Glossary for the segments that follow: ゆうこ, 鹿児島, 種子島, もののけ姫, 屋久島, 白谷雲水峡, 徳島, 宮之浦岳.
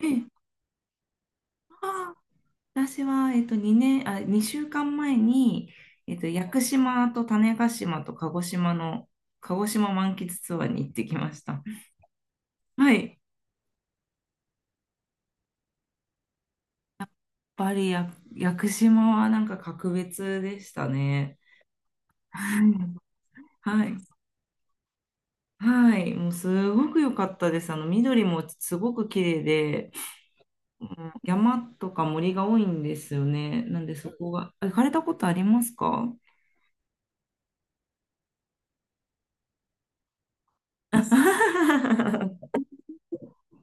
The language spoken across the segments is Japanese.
ええ、ああ、私は、2年、あ、2週間前に、屋久島と種子島と鹿児島の、鹿児島満喫ツアーに行ってきました。はい。やっぱり屋久島はなんか格別でしたね。はい。はい。はい。もうすごく良かったです。あの、緑もすごく綺麗で、うん山とか森が多いんですよね。なんでそこが、あ、行かれたことありますか？あ、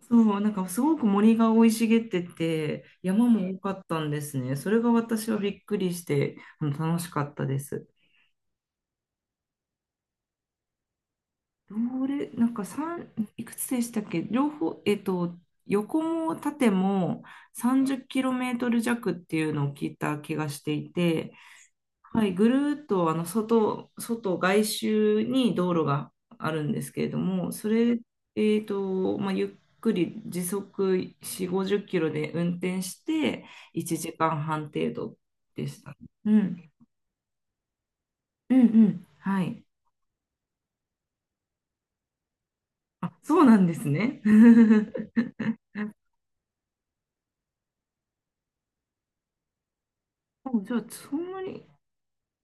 そう、なんかすごく森が生い茂ってて、山も多かったんですね。それが私はびっくりして、あの楽しかったです。どれ、なんか三いくつでしたっけ、両方、横も縦も30キロメートル弱っていうのを聞いた気がしていて、はい、ぐるーっと外周に道路があるんですけれども、それ、まあ、ゆっくり時速4、50キロで運転して1時間半程度でした。うん、うんうん、はい。あ、そうなんですね。じゃあ、そんなに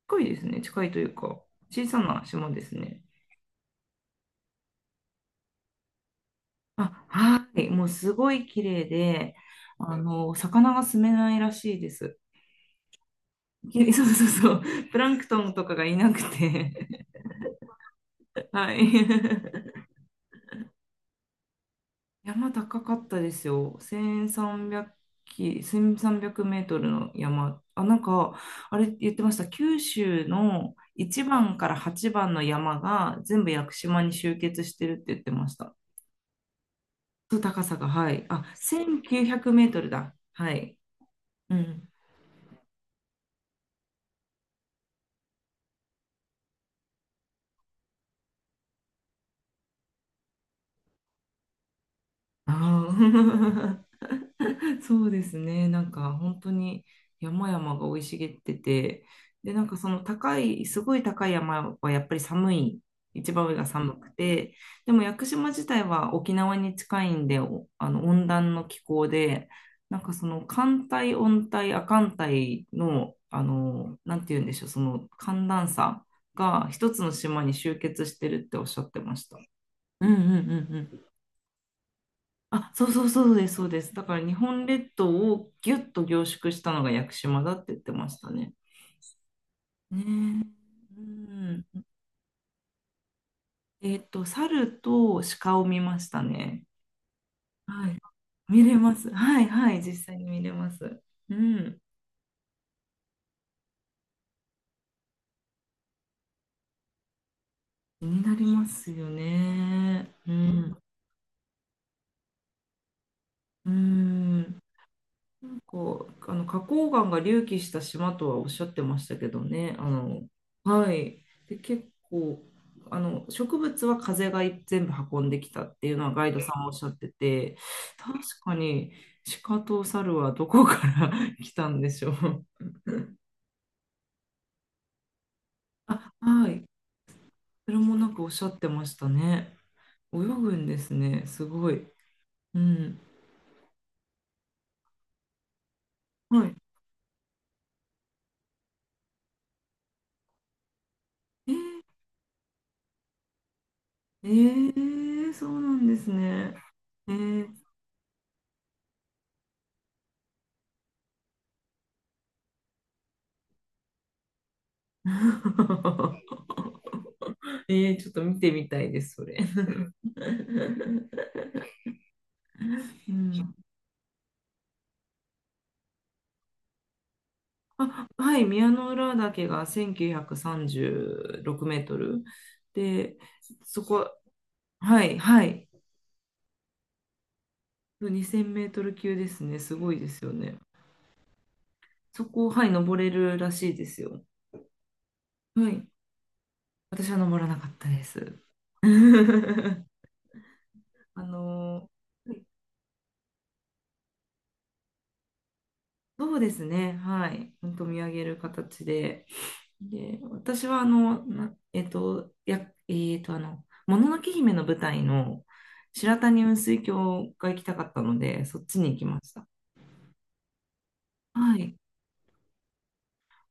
近いですね。近いというか、小さな島ですね。あ、はい。もうすごい綺麗で、あの、魚が住めないらしいです。そうそうそう。プランクトンとかがいなくて はい。山高かったですよ。1300キ、1 3 0メートルの山。あ、なんか、あれ言ってました。九州の1番から8番の山が全部屋久島に集結してるって言ってました。と高さが、はい。あ、1900メートルだ。はい。うん。ああ。そうですね。なんか本当に山々が生い茂ってて、で、なんかその高い、すごい高い山はやっぱり寒い、一番上が寒くて、でも屋久島自体は沖縄に近いんで、おあの温暖の気候で、なんかその寒帯、温帯、亜寒帯の、なんて言うんでしょう、その寒暖差が一つの島に集結してるっておっしゃってました。うんうんうん、あ、そうそうそうです、そうです。だから日本列島をギュッと凝縮したのが屋久島だって言ってましたね。ねえ、うん。猿と鹿を見ましたね。はい。見れます。はいはい、実際に見れます。うん。気になりますよね。うん。うん。こう、あの花崗岩が隆起した島とはおっしゃってましたけどね。あの、はい。で、結構、あの、植物は風が全部運んできたっていうのはガイドさんもおっしゃってて、確かに鹿と猿はどこから 来たんでしょう。あ、はい。それもなんかおっしゃってましたね。泳ぐんですね。すごい。うん。はい。えー、そうなんですね。えー、えー、ちょっと見てみたいです、それ。うん、あ、はい、宮之浦岳が1936メートルで、そこ、はい、はい、2000メートル級ですね、すごいですよね。そこ、はい、登れるらしいですよ。はい、私は登らなかったです。あの、そうですね。はい。ほんと見上げる形で。で、私はあの、なえっと、や、もののけ姫の舞台の白谷雲水峡が行きたかったので、そっちに行きました。はい。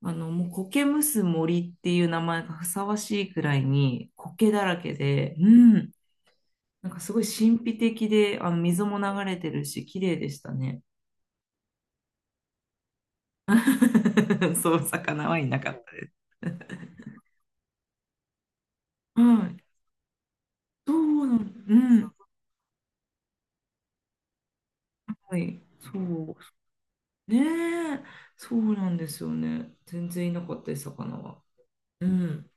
あの、もう苔むす森っていう名前がふさわしいくらいに苔だらけで、うん。なんかすごい神秘的で、あの、水も流れてるし、綺麗でしたね。そう、魚はいなかったです。はい。そうなの、うん。はい、そう、ねえ、そうなんですよね。全然いなかったです、魚は。うん。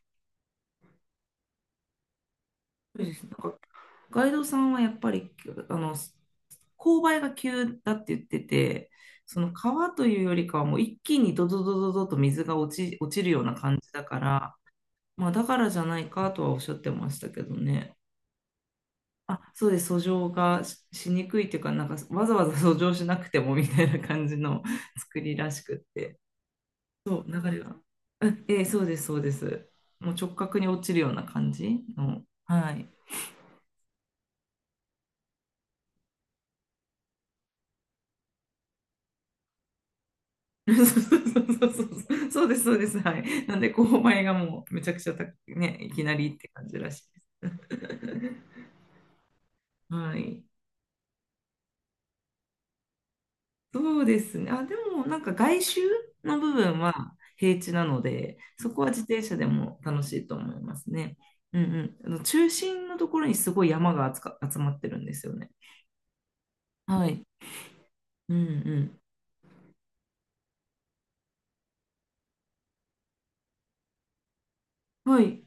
そうです。なんか、ガイドさんはやっぱり、あの、勾配が急だって言ってて、その川というよりかはもう一気にドドドドドと水が落ちるような感じだから、まあだからじゃないかとはおっしゃってましたけどね。あ、そうです、遡上がしにくいっていうか、なんかわざわざ遡上しなくてもみたいな感じの 作りらしくって。そう、流れが。ええ、そうです、そうです。もう直角に落ちるような感じの。はい。そうそうそうそうそう。そうです、そうです。はい。なんで、勾配がもうめちゃくちゃ高くね、いきなりって感じらしいです。はい。そうですね。あ、でも、なんか外周の部分は平地なので、そこは自転車でも楽しいと思いますね。うんうん。あの中心のところにすごい山が集まってるんですよね。はい。うんうん。はい。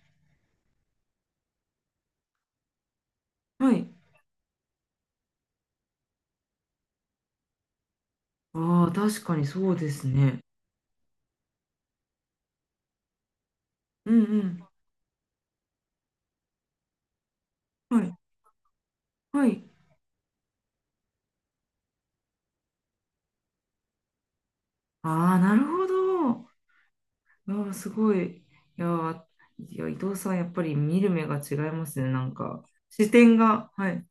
はい。ああ、確かにそうですね。うんうん。はい。はい。ああ、なるほど。ああ、すごい。やー、いや、伊藤さん、やっぱり見る目が違いますね。なんか、視点が。はい。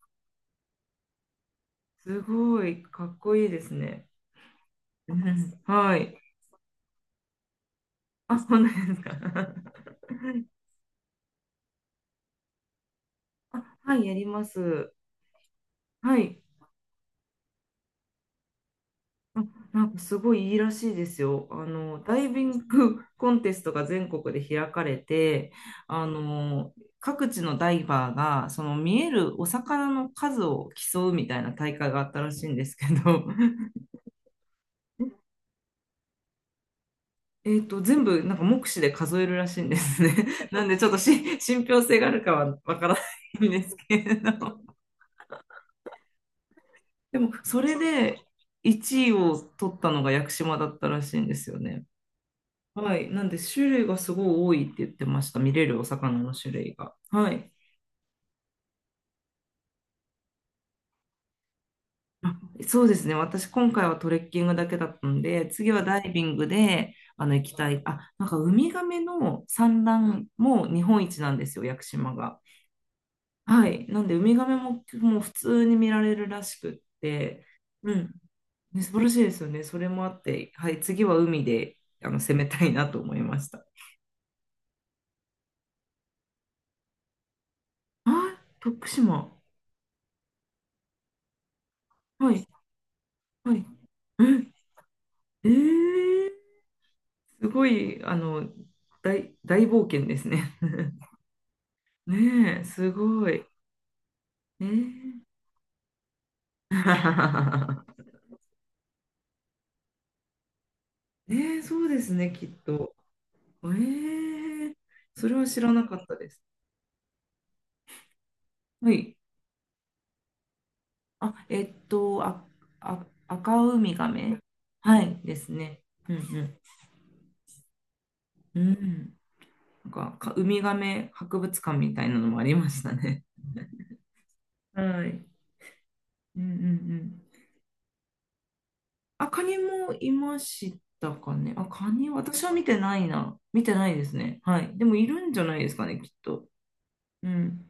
すごい、かっこいいですね。うん、はい。あ、そうなんですか。あ、はい、やります。はい。あ、なんかすごいいいらしいですよ。あの、ダイビングコンテストが全国で開かれて、あの、各地のダイバーが、その見えるお魚の数を競うみたいな大会があったらしいんですけど、全部なんか目視で数えるらしいんですね。なんでちょっと信憑性があるかはわからないんですけれど。でも、それで1位を取ったのが屋久島だったらしいんですよね。はい。なんで、種類がすごい多いって言ってました。見れるお魚の種類が。はい。あ、そうですね。私、今回はトレッキングだけだったんで、次はダイビングで、あの、行きたい。あ、なんか、ウミガメの産卵も日本一なんですよ、屋久島が。はい。なんで、ウミガメも、もう普通に見られるらしくって、うん。ね、素晴らしいですよね。それもあって、はい。次は海で、あの、攻めたいなと思いました。あ、徳島。はい。はい。ええー、すごい、あの、大冒険ですね。ねえ、すごい。えー、 ねえ、そうですね、きっと。えー、それは知らなかったです。はい。あ、あ、あ、赤ウミガメ、はいですね。うんうん。うん。なんか、ウミガメ博物館みたいなのもありましたね。はい。うんうんうん。あ、カニもいましたかね。あ、カニ、私は見てないな。見てないですね。はい。でもいるんじゃないですかね、きっと。うん。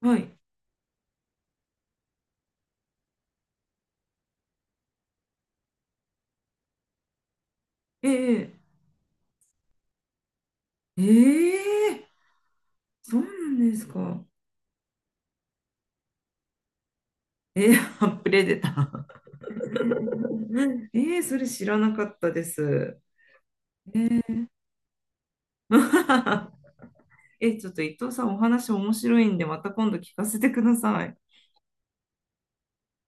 はい。ええ、ええ、そうなんですか。ええ、あ、プレデター。ええ、それ知らなかったです。ええ え、ちょっと伊藤さん、お話面白いんで、また今度聞かせてください。